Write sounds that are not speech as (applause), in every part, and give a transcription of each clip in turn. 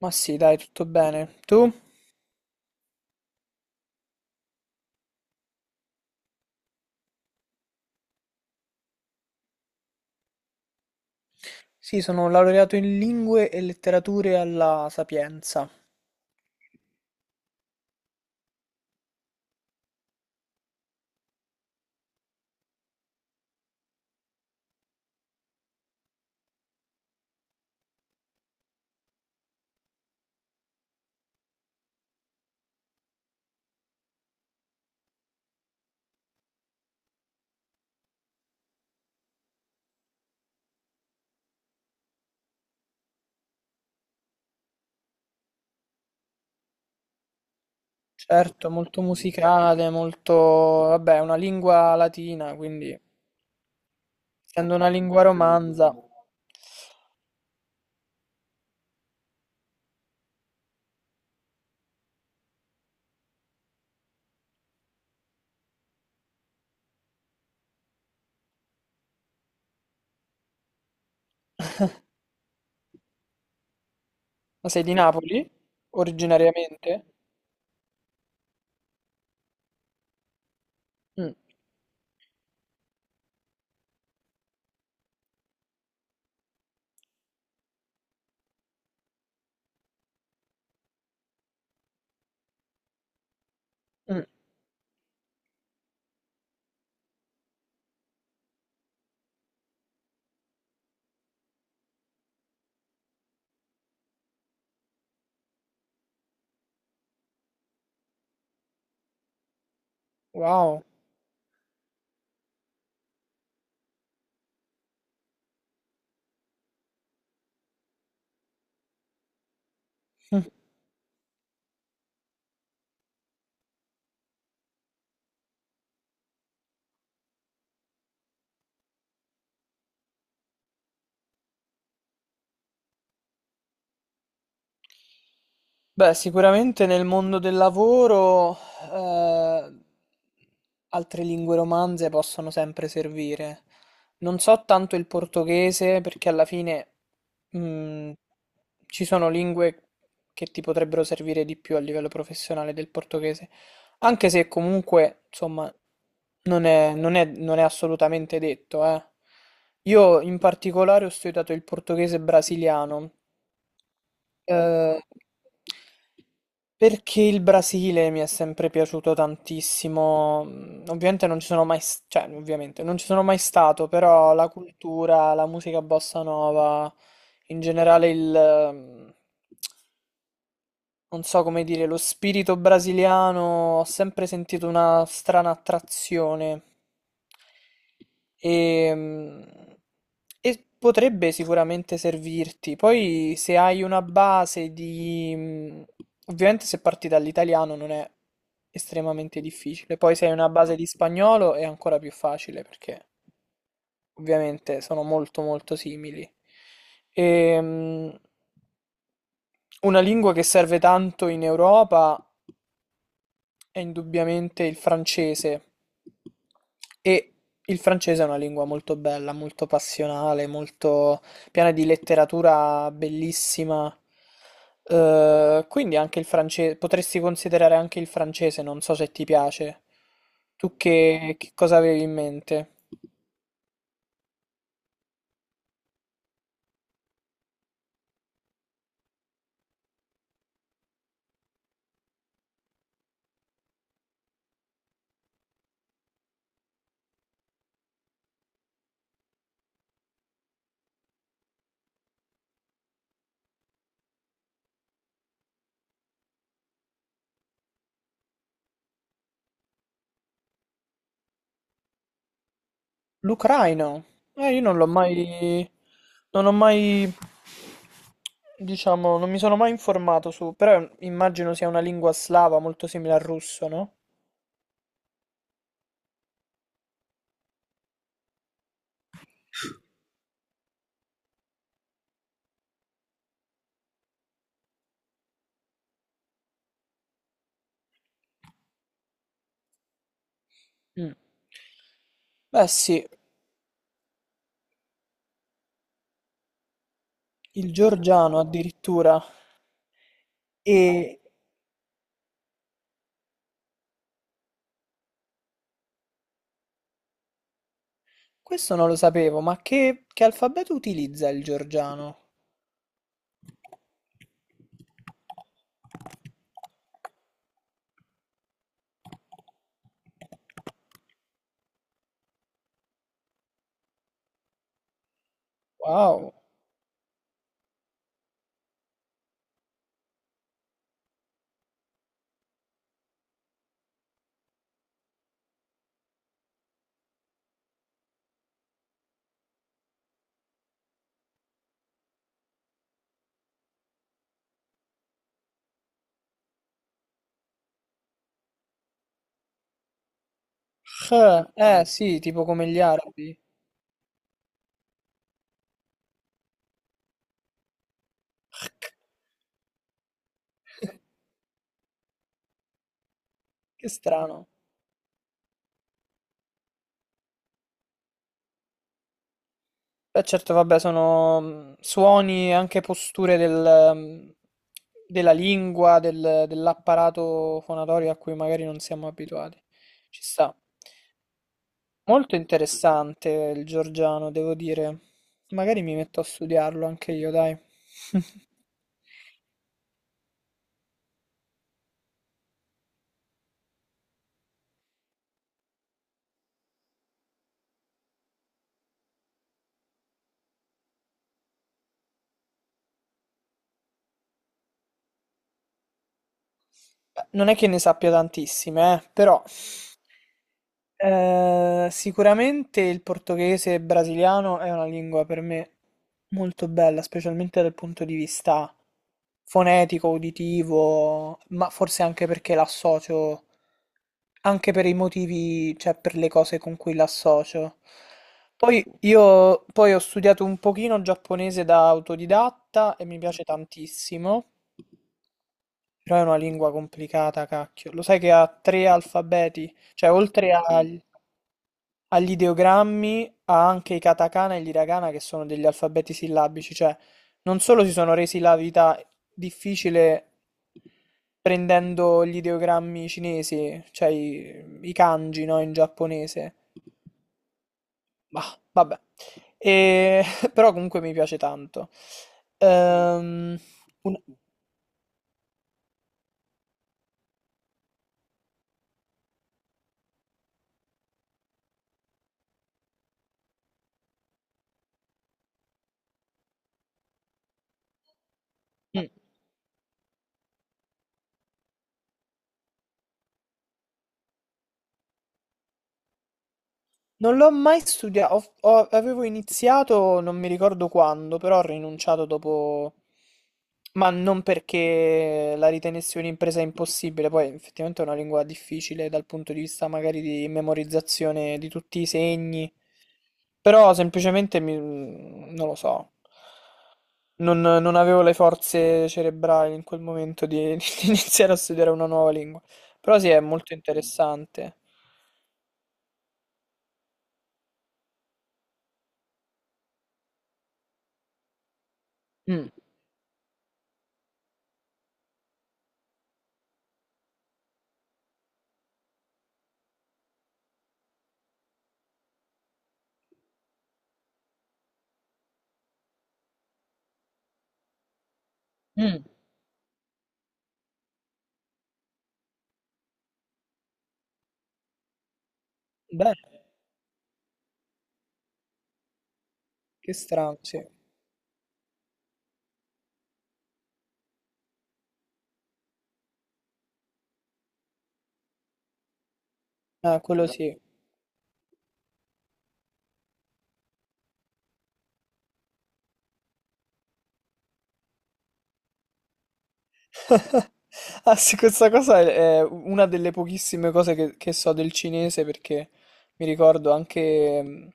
Ma sì, dai, tutto bene. Tu? Sì, sono laureato in lingue e letterature alla Sapienza. Certo, molto musicale, molto, vabbè, una lingua latina, quindi essendo una lingua romanza. Ma sei di Napoli? Originariamente? Mm, mm. Wow. (laughs) Beh, sicuramente nel mondo del lavoro eh, altre lingue romanze possono sempre servire. Non so tanto il portoghese perché alla fine mh, ci sono lingue che ti potrebbero servire di più a livello professionale del portoghese, anche se comunque, insomma, non è assolutamente detto, eh. Io in particolare ho studiato il portoghese brasiliano eh, perché il Brasile mi è sempre piaciuto tantissimo. Ovviamente non ci sono mai, s- Cioè, ovviamente non ci sono mai stato, però la cultura, la musica bossa nova, in generale mhmm, non so come dire, lo spirito brasiliano, ho sempre sentito una strana attrazione. E, mm, e potrebbe sicuramente servirti. Poi se hai una base di... mm, Ovviamente se parti dall'italiano non è estremamente difficile. Poi se hai una base di spagnolo è ancora più facile perché ovviamente sono molto molto simili. E, mm, una lingua che serve tanto in Europa è indubbiamente il francese, e il francese è una lingua molto bella, molto passionale, molto piena di letteratura bellissima. Quindi anche il francese, potresti considerare anche il francese, non so se ti piace. Tu che cosa avevi in mente? L'Ucraina? Io non l'ho mai. Non ho mai. Diciamo, non mi sono mai informato su. Però immagino sia una lingua slava molto simile al russo, no? Mm. Beh sì, il georgiano addirittura. E questo non lo sapevo, ma che alfabeto utilizza il georgiano? Wow. H. Eh sì, tipo come gli arabi. (laughs) Che strano. Beh, certo, vabbè, sono suoni e anche posture della lingua, dell'apparato fonatorio a cui magari non siamo abituati. Ci sta. Molto interessante il georgiano, devo dire. Magari mi metto a studiarlo anche io, dai. (laughs) Beh, non è che ne sappia tantissime, però sicuramente il portoghese brasiliano è una lingua per me molto bella, specialmente dal punto di vista fonetico, uditivo, ma forse anche perché l'associo, anche per i motivi, cioè per le cose con cui l'associo. Poi io poi ho studiato un pochino giapponese da autodidatta e mi piace tantissimo, però è una lingua complicata, cacchio. Lo sai che ha tre alfabeti, cioè oltre agli ideogrammi, a anche i katakana e gli hiragana, che sono degli alfabeti sillabici, cioè non solo si sono resi la vita difficile prendendo gli ideogrammi cinesi, cioè i kanji, no, in giapponese. Bah, vabbè. E- (laughs) Però comunque mi piace tanto. Ehm, un- Mm. Non l'ho mai studiato, avevo iniziato, non mi ricordo quando, però ho rinunciato dopo, ma non perché la ritenessi un'impresa impossibile. Poi effettivamente è una lingua difficile dal punto di vista magari di memorizzazione di tutti i segni, però semplicemente non lo so, non avevo le forze cerebrali in quel momento di, (laughs) di iniziare a studiare una nuova lingua, però sì, è molto interessante. Mm. Mm. Bene. Che strano, sì. Ah, quello sì. (laughs) Ah sì, questa cosa è una delle pochissime cose che so del cinese, perché mi ricordo anche,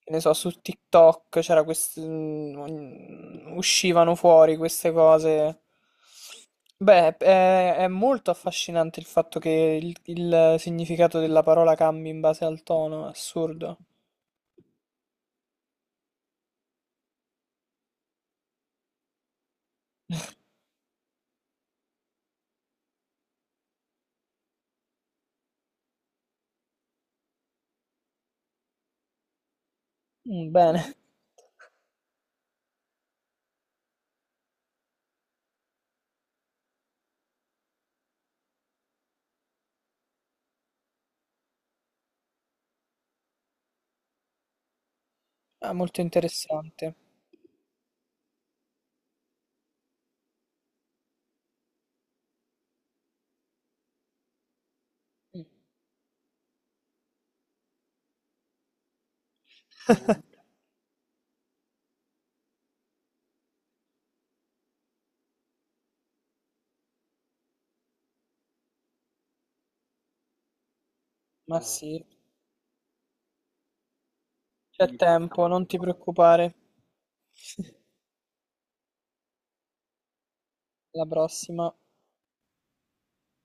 che ne so, su TikTok c'era uscivano fuori queste cose. Beh, è molto affascinante il fatto che il significato della parola cambi in base al tono, è assurdo. (laughs) Mm, bene. Ah, molto interessante. Mm, ma sì. C'è tempo, non ti preoccupare. (laughs) La prossima.